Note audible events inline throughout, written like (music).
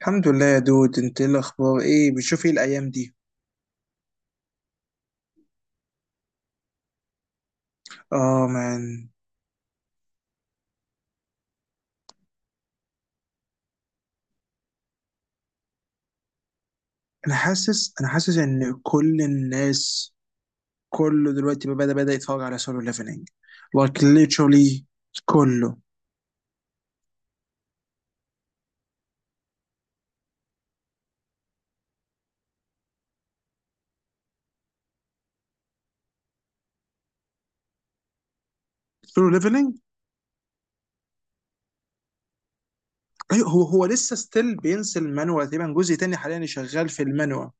الحمد لله يا دود، انت ايه الاخبار؟ ايه بتشوف ايه الايام دي؟ اه مان. انا حاسس ان كل الناس، كله دلوقتي بدأ يتفرج على سولو ليفلنج. Like literally كله سولو ليفلنج. ايوه، هو لسه ستيل بينزل المانوا، تقريبا جزء تاني حاليا شغال في المانوا.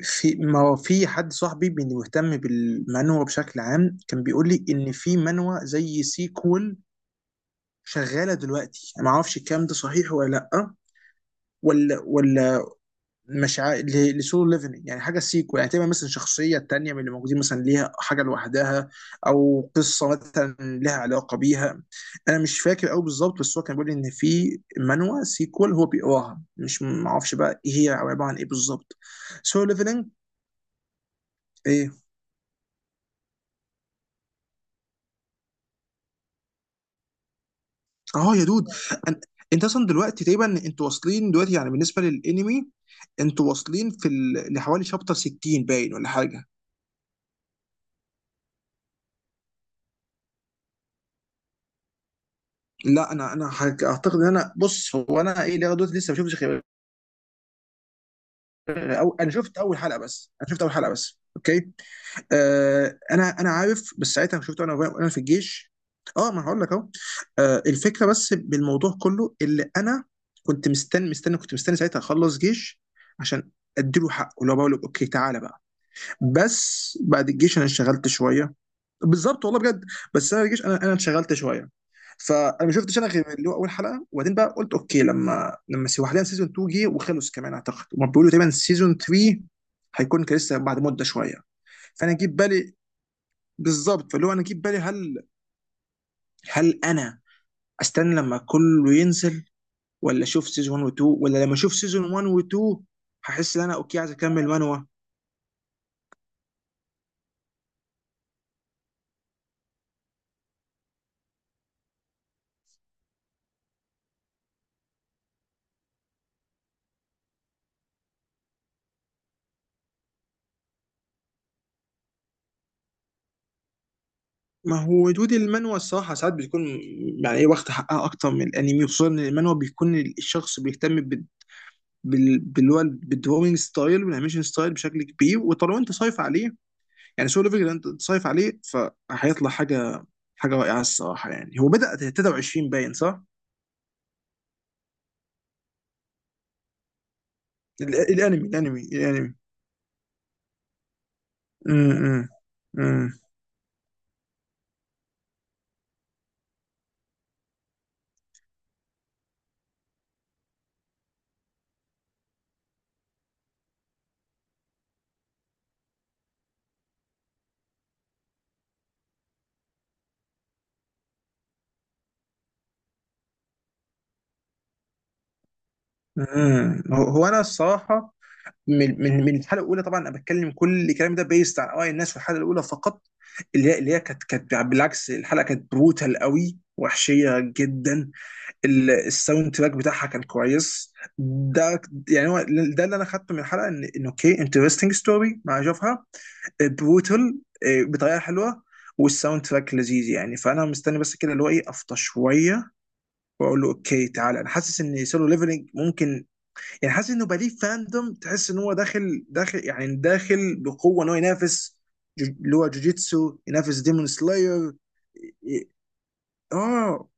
في، ما هو في حد صاحبي مهتم بالمانوا بشكل عام، كان بيقول لي ان في مانوا زي سيكول شغاله دلوقتي. انا ما اعرفش الكلام ده صحيح ولا لا، ولا ولا مش عا... ل- لسولو ليفلنج يعني حاجه سيكو، يعني تبقى مثلا شخصيه تانية من اللي موجودين مثلا ليها حاجه لوحدها، او قصه مثلا لها علاقه بيها. انا مش فاكر قوي بالظبط، بس هو كان بيقول لي ان في مانوا سيكول هو بيقراها. مش، ما اعرفش بقى ايه هي او عباره عن ايه بالظبط. سولو ليفلنج. ايه؟ اه يا دود. أن... انت اصلا دلوقتي تقريبا انتوا واصلين دلوقتي، يعني بالنسبه للانمي انتوا واصلين لحوالي شابتر 60، باين ولا حاجه؟ لا، اعتقد ان انا، بص، هو انا ايه لغايه دلوقتي لسه ما شفتش غير، أو انا شفت اول حلقه بس. انا شفت اول حلقه بس، اوكي. انا عارف، بس ساعتها شفته انا وانا في الجيش. اه ما هقول لك اهو. الفكره بس بالموضوع كله اللي انا كنت مستني ساعتها اخلص جيش، عشان اديله حقه اللي هو بقول له اوكي تعالى بقى. بس بعد الجيش انا اشتغلت شويه، بالظبط، والله بجد. بس انا رجعش، انا انشغلت شويه. فانا ما شفتش انا غير اللي هو اول حلقه، وبعدين بقى قلت اوكي. لما سي وحدها سيزون 2 جه وخلص كمان اعتقد، وما بيقولوا تقريبا سيزون 3 هيكون كان لسه بعد مده شويه. فانا جيب بالي بالظبط، فاللي هو انا جيب بالي، هل انا استنى لما كله ينزل، ولا اشوف سيزون 1 و2، ولا لما اشوف سيزون 1 و2 هحس ان انا اوكي عايز اكمل 1. ما هو ردود المانوا الصراحة ساعات بيكون يعني ايه، واخد حقها أكتر من الأنمي، خصوصا إن المانوا بيكون الشخص بيهتم باللي هو بالدروينج ستايل والانيميشن ستايل بشكل كبير. وطالما أنت صايف عليه، يعني سولو ليفل أنت صايف عليه، فهيطلع حاجة رائعة الصراحة. يعني هو بدأ 23 باين، صح؟ الأنمي. امم امم هو أنا الصراحة من الحلقه الاولى. طبعا انا بتكلم كل الكلام ده بيست عن اراء الناس في الحلقه الاولى فقط. اللي هي كانت بالعكس، الحلقه كانت بروتال قوي، وحشيه جدا. الساوند تراك بتاعها كان كويس. ده، يعني هو، ده اللي انا خدته من الحلقه، ان اوكي، انترستنج ستوري مع جوفها، بروتال بطريقه حلوه، والساوند تراك لذيذ. يعني فانا مستني بس كده، اللي هو ايه، افطر شويه واقول له اوكي تعالى. انا حاسس ان سولو ليفلنج ممكن، يعني حاسس انه بقى ليه فاندوم، تحس ان هو داخل داخل، يعني داخل بقوه، ان هو ينافس، اللي هو جوجيتسو، ينافس ديمون سلاير. اه.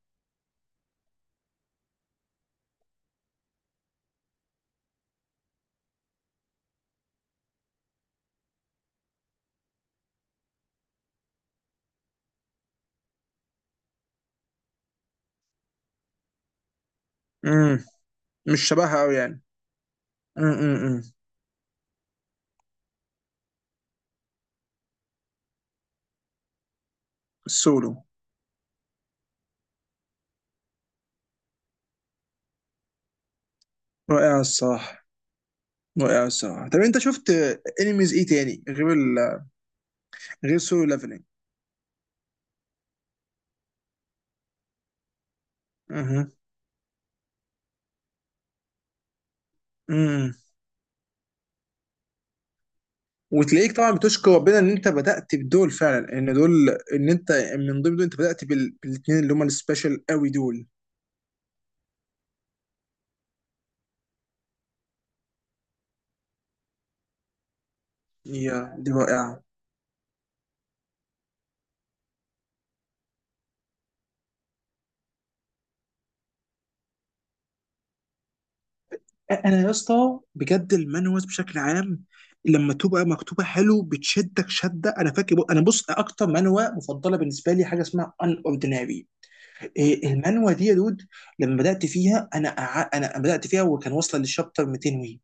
امم مش شبهها قوي يعني. امم السولو. رائع الصراحه، رائع الصراحه. طب انت شفت انميز ايه تاني غير غير سولو ليفلنج؟ اها. امم وتلاقيك طبعا بتشكر ربنا ان انت بدات بدول فعلا. ان دول، ان انت من ضمن دول، انت بدات بالاثنين اللي هم السبيشال قوي دول. يا دي رائعه. انا يا اسطى بجد، المانوز بشكل عام لما تبقى مكتوبه حلو بتشدك شده. انا فاكر انا، بص، اكتر منوه مفضله بالنسبه لي حاجه اسمها ان اورديناري. المانوه دي يا دود، لما بدات فيها انا انا بدات فيها وكان واصله للشابتر 200 وي.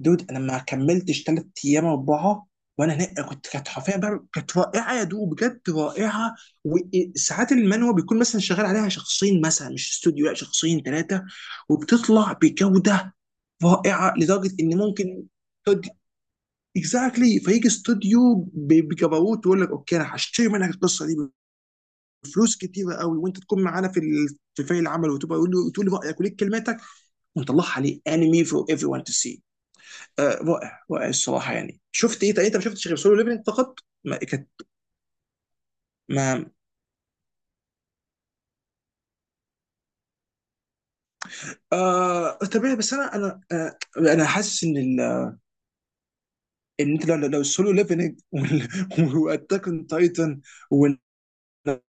دود، انا ما كملتش ثلاث ايام، اربعه وانا هناك، كانت حرفيا بقى كانت رائعه، يا دود بجد رائعه. وساعات المانوه بيكون مثلا شغال عليها شخصين، مثلا مش استوديو، لا شخصين ثلاثه، وبتطلع بجوده رائعه لدرجه ان ممكن تودي اكزاكتلي exactly. فيجي استوديو بجبروت ويقول لك اوكي انا هشتري منك القصه دي بفلوس كتيره قوي، وانت تكون معانا في فريق العمل، وتبقى يقول له، تقول لي رايك وليك كلماتك، ونطلعها ليه انمي فور ايفري ون تو سي. رائع، رائع الصراحه. يعني شفت ايه؟ طيب انت ما شفتش غير سولو ليفلنج فقط؟ ما كانت ما آه طبيعي. بس انا حاسس ان ان انت لو السولو ليفلنج (laughs) واتاك اون تايتن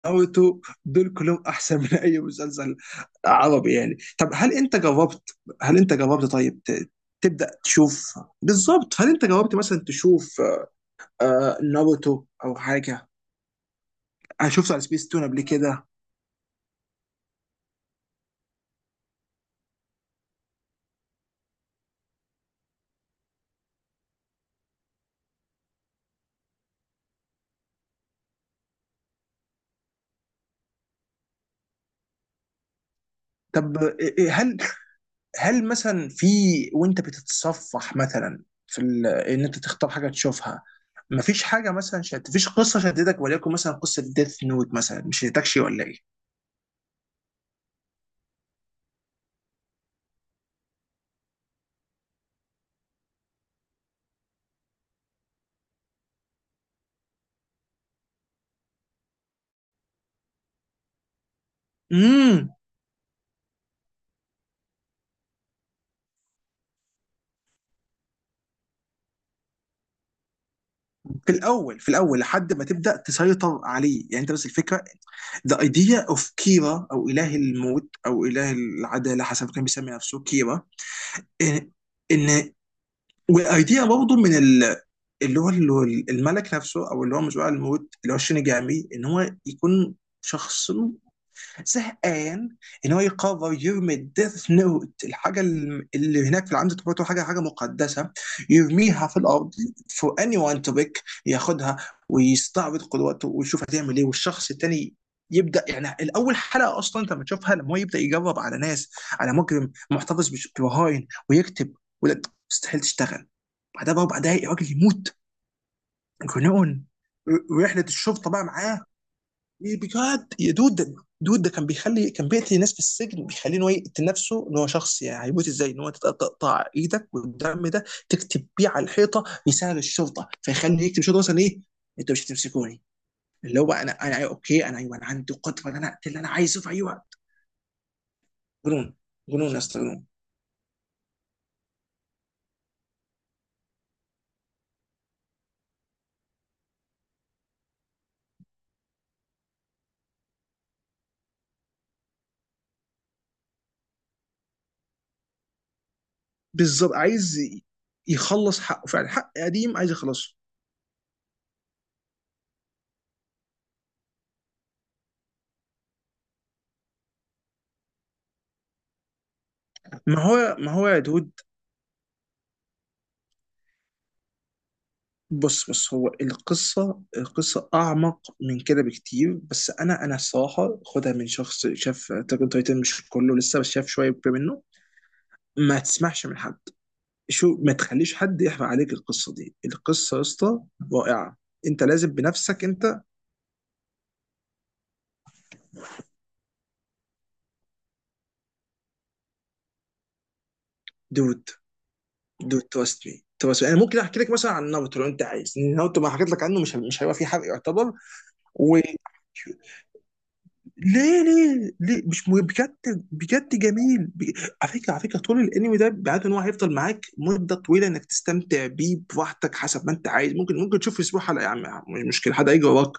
ناروتو دول كلهم احسن من اي مسلسل عربي يعني. طب هل انت جربت؟ طيب تبدا تشوف، بالظبط. هل انت جربت مثلا تشوف ناروتو او حاجه؟ انا شفته على سبيس تون قبل كده. طب إيه- إيه، هل مثلا في، وانت بتتصفح مثلا ان انت تختار حاجه تشوفها، مفيش حاجه مثلا مفيش قصه شدتك وليكن مثلا قصه ديث نوت مثلا مش شدتكش ولا ايه؟ امم في الاول، في الاول لحد ما تبدا تسيطر عليه، يعني انت، بس الفكره، ذا ايديا اوف كيرا او اله الموت او اله العداله حسب كان بيسمي نفسه كيرا. ان ان وايديا برضه من اللي هو الملك نفسه او اللي هو مزوع الموت اللي هو شينيجامي، ان هو يكون شخص زهقان، ان هو يقرر يرمي الديث نوت، الحاجه اللي هناك في العمد تعتبر حاجه مقدسه، يرميها في الارض فور اني وان تو بيك ياخدها، ويستعرض قدراته ويشوف هتعمل ايه، والشخص التاني يبدا يعني. الاول حلقه اصلا انت لما تشوفها، لما هو يبدا يجرب على ناس، على مجرم محتفظ ببهاين ويكتب، ولا، مستحيل تشتغل، بعدها باربع دقايق الراجل يموت. جنون. رحله الشرطه بقى معاه، بجد يا دود. دود، ده كان بيخلي، كان بيقتل ناس في السجن بيخليه ان هو يقتل نفسه، ان هو شخص يعني هيموت ازاي، ان هو تقطع ايدك والدم ده تكتب بيه على الحيطه، مثال الشرطه فيخلي يكتب شرطه مثلا ايه، انتوا مش هتمسكوني، اللي هو انا أيوة اوكي، انا ايوه، انا عندي قدره ان انا اقتل اللي انا عايزه في اي وقت. جنون، جنون يا اسطى، جنون. بالظبط عايز يخلص حقه فعلا، حق قديم عايز يخلصه. ما هو يا دود، بص بص، هو القصة، القصة أعمق من كده بكتير، بس أنا الصراحة خدها من شخص شاف أتاك أون تايتن مش كله لسه، بس شاف شوية منه. ما تسمعش من حد، شو ما تخليش حد يحرق عليك القصة دي. القصة يا اسطى رائعة، أنت لازم بنفسك أنت. دود دود، تراست مي، تراست مي. أنا ممكن أحكي لك مثلا عن ناruto لو أنت عايز. إن ناروتو ما حكيت لك عنه مش هيبقى فيه حرق يعتبر. و، ليه ليه ليه، مش مهم بجد، بجد جميل على فكره، على فكره طول الانمي ده، بعد ان هو هيفضل معاك مده طويله انك تستمتع بيه براحتك حسب ما انت عايز. ممكن، ممكن تشوف اسبوع حلقه يا عم، مش مشكله، حد هيجي وراك.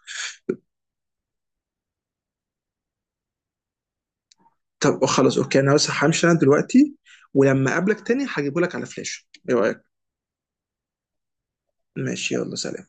طب خلاص اوكي، انا بس همشي انا دلوقتي، ولما اقابلك تاني هجيبه لك على فلاش، ايه رايك؟ ماشي، يلا سلام.